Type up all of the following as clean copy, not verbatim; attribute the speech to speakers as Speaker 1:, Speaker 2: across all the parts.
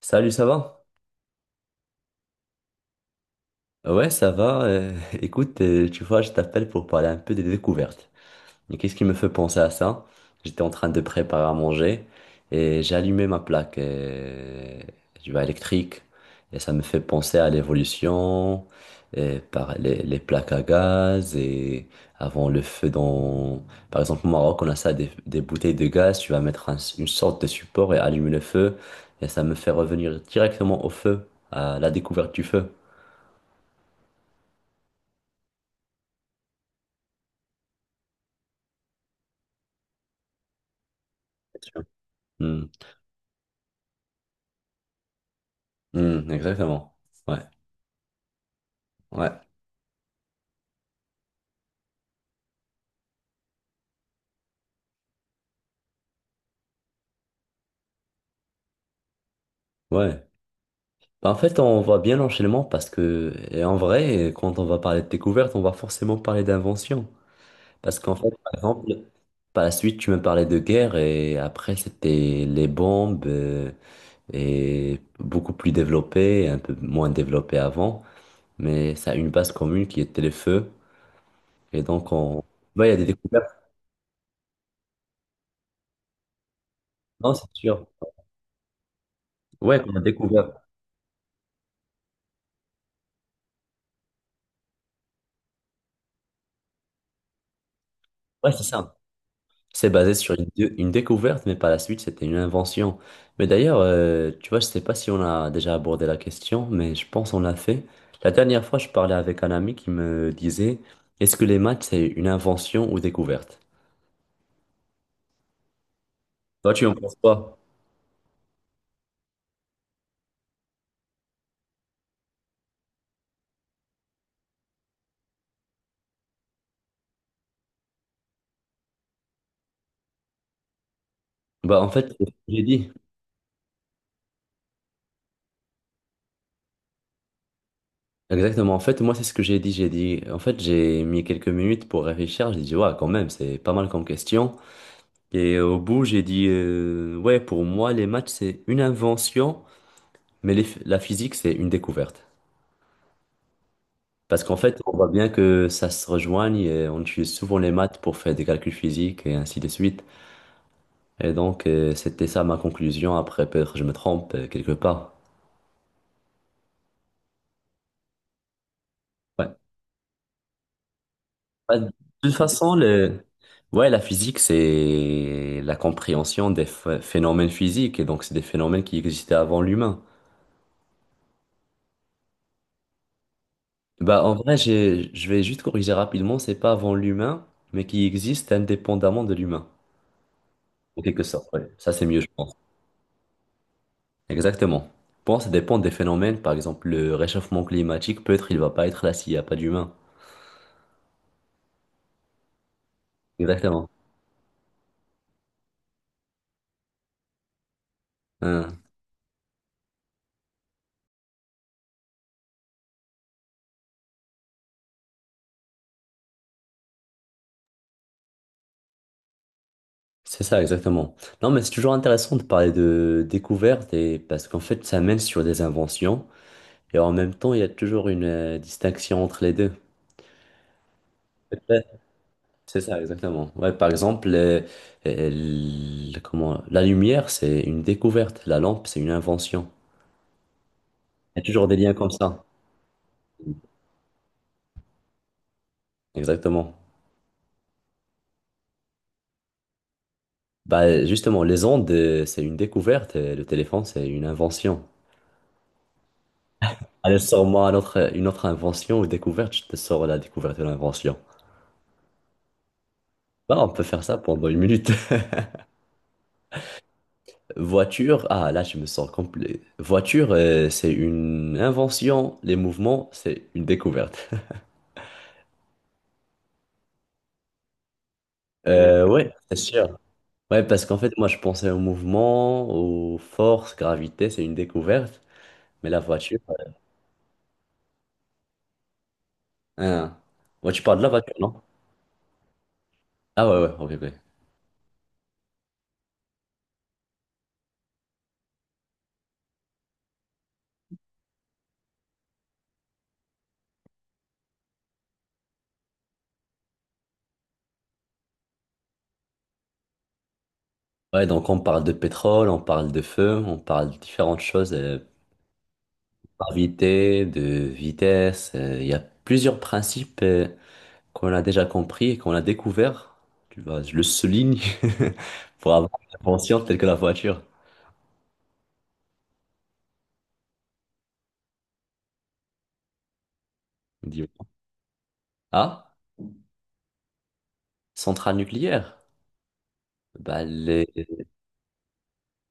Speaker 1: Salut, ça va? Ouais, ça va. Écoute, tu vois, je t'appelle pour parler un peu des découvertes. Mais qu'est-ce qui me fait penser à ça? J'étais en train de préparer à manger et j'ai allumé ma plaque tu vois, électrique. Et ça me fait penser à l'évolution, et par les plaques à gaz et avant le feu dans. Par exemple, au Maroc, on a ça, des bouteilles de gaz. Tu vas mettre une sorte de support et allumer le feu. Et ça me fait revenir directement au feu, à la découverte du feu. Sûr. Hmm. Hmm, exactement. Ouais, ouais, ouais. Bah, en fait, on voit bien l'enchaînement parce que, et en vrai, quand on va parler de découverte, on va forcément parler d'invention. Parce qu'en fait, par exemple, par la suite, tu me parlais de guerre et après, c'était les bombes et beaucoup plus développées, un peu moins développées avant. Mais ça a une base commune qui était les feux. Et donc, on. Ouais, il y a des découvertes. Non, c'est sûr. Ouais, qu'on a découvert. Ouais, c'est ça. C'est basé sur une découverte, mais par la suite, c'était une invention. Mais d'ailleurs, tu vois, je sais pas si on a déjà abordé la question, mais je pense qu'on l'a fait. La dernière fois, je parlais avec un ami qui me disait, est-ce que les maths, c'est une invention ou découverte? Toi, tu en penses quoi? Bah, en fait, c'est ce que j'ai dit. Exactement. En fait, moi, c'est ce que j'ai dit. J'ai dit, en fait, j'ai mis quelques minutes pour réfléchir. J'ai dit, ouais, quand même, c'est pas mal comme question. Et au bout, j'ai dit, ouais, pour moi, les maths, c'est une invention, mais la physique, c'est une découverte. Parce qu'en fait, on voit bien que ça se rejoigne et on utilise souvent les maths pour faire des calculs physiques et ainsi de suite. Et donc, c'était ça ma conclusion. Après, peut-être je me trompe quelque part. Ouais. Bah, de toute façon, le. Ouais, la physique, c'est la compréhension des phénomènes physiques et donc c'est des phénomènes qui existaient avant l'humain. Bah, en vrai, je vais juste corriger rapidement, c'est pas avant l'humain, mais qui existe indépendamment de l'humain, en quelque sorte. Ouais. Ça, c'est mieux, je pense. Exactement. Bon, ça dépend des phénomènes. Par exemple, le réchauffement climatique, peut-être il va pas être là s'il n'y a pas d'humains. Exactement. Hein. C'est ça, exactement. Non, mais c'est toujours intéressant de parler de découvertes et parce qu'en fait, ça mène sur des inventions et en même temps, il y a toujours une distinction entre les deux. Peut-être. C'est ça, exactement. Ouais, par exemple, comment, la lumière, c'est une découverte. La lampe, c'est une invention. Il y a toujours des liens comme ça. Exactement. Bah, justement, les ondes, c'est une découverte, et le téléphone, c'est une invention. Allez, sors-moi une autre invention ou découverte, je te sors la découverte de l'invention. Bah, on peut faire ça pendant une minute. Voiture, ah là, je me sens complet. Voiture, c'est une invention, les mouvements, c'est une découverte. Ouais, c'est sûr. Ouais, parce qu'en fait, moi, je pensais au mouvement, aux forces, gravité, c'est une découverte. Mais la voiture, hein. Ouais, tu parles de la voiture, non? Ah ouais, ouais, ok, ok. Ouais, donc on parle de pétrole, on parle de feu, on parle de différentes choses, gravité, de vitesse. Il y a plusieurs principes qu'on a déjà compris et qu'on a découvert. Tu vois, je le souligne pour avoir une invention telle que la voiture. Dis-moi. Ah, centrale nucléaire. Bah, les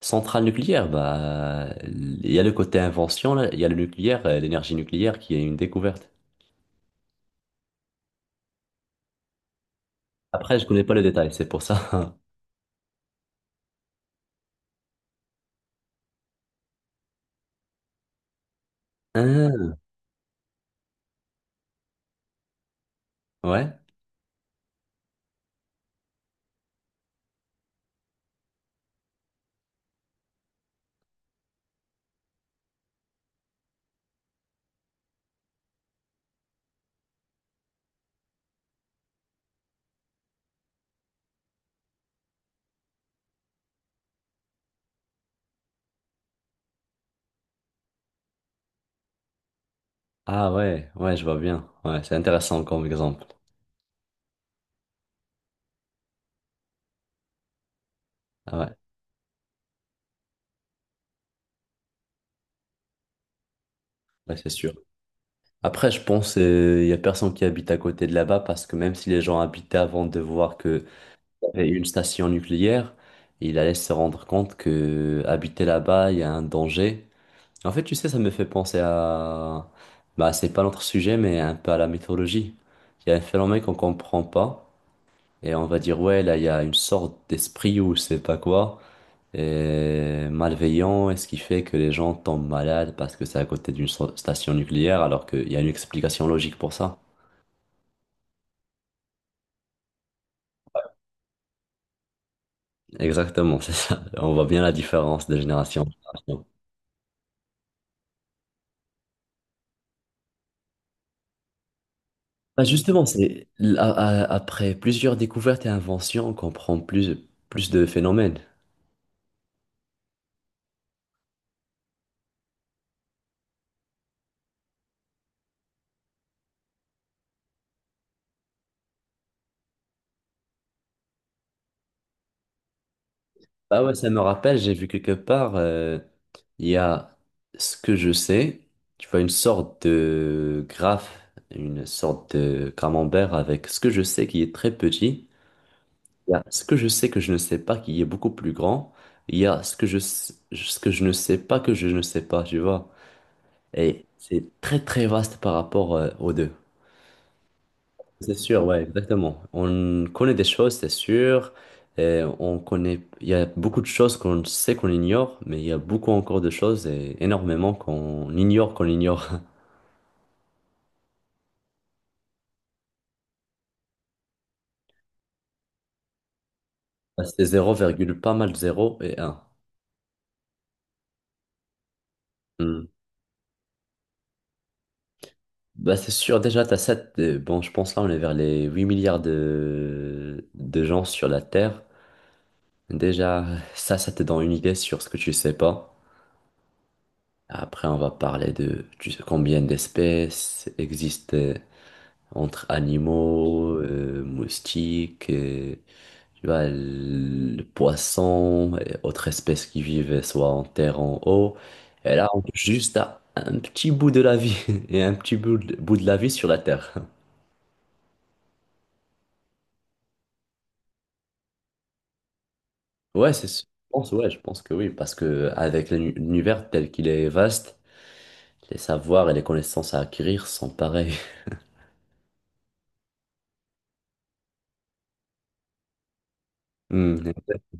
Speaker 1: centrales nucléaires, bah, il y a le côté invention, là, il y a le nucléaire, l'énergie nucléaire qui est une découverte. Après, je connais pas le détail, c'est pour ça. Ah, ouais. Ah ouais, ouais, je vois bien. Ouais, c'est intéressant comme exemple. Ah ouais, ouais, c'est sûr. Après, je pense qu'il y a personne qui habite à côté de là-bas parce que même si les gens habitaient avant de voir que y avait une station nucléaire, ils allaient se rendre compte que habiter là-bas, il y a un danger. En fait, tu sais, ça me fait penser à. Bah, c'est pas notre sujet, mais un peu à la mythologie. Il y a un phénomène qu'on comprend pas et on va dire, ouais, là, il y a une sorte d'esprit ou je sais pas quoi. Et malveillant, et ce qui fait que les gens tombent malades parce que c'est à côté d'une station nucléaire, alors qu'il y a une explication logique pour ça. Exactement, c'est ça. On voit bien la différence de génération en génération. Bah justement, c'est après plusieurs découvertes et inventions, on comprend plus, plus de phénomènes. Bah ouais, ça me rappelle, j'ai vu quelque part, il y a ce que je sais, tu vois, une sorte de graphe, une sorte de camembert avec ce que je sais qui est très petit. Il y a ce que je sais que je ne sais pas qui est beaucoup plus grand. Il y a ce que je ne sais pas que je ne sais pas, tu vois. Et c'est très très vaste par rapport aux deux. C'est sûr, ouais, exactement. On connaît des choses, c'est sûr. Et on connaît, il y a beaucoup de choses qu'on sait qu'on ignore, mais il y a beaucoup encore de choses et énormément qu'on ignore qu'on ignore. C'est zéro virgule pas mal zéro et un. Hmm. Bah, c'est sûr, déjà, t'as 7, bon, je pense là, on est vers les 8 milliards de gens sur la Terre. Déjà, ça te donne une idée sur ce que tu sais pas. Après, on va parler de tu sais, combien d'espèces existent entre animaux, moustiques, tu vois, le poisson, et autres espèces qui vivent soit en terre, en eau. Et là, on touche juste à un petit bout de la vie et un petit bout de la vie sur la Terre. Ouais, c'est ce- je pense, ouais, je pense que oui, parce que avec l'univers tel qu'il est vaste, les savoirs et les connaissances à acquérir sont pareils. Hmm, exact.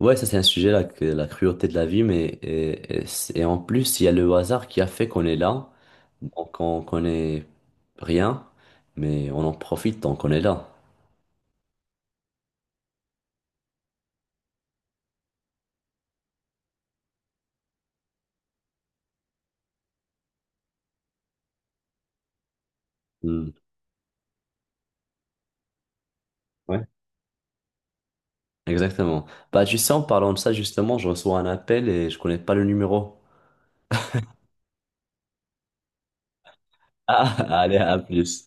Speaker 1: Ouais, ça c'est un sujet là, que la cruauté de la vie, mais et c'est- et en plus, il y a le hasard qui a fait qu'on est là, donc on connaît rien, mais on en profite tant qu'on est là. Hmm, ouais, exactement. Bah, tu sais, en parlant de ça, justement, je reçois un appel et je connais pas le numéro. Ah, allez, à plus.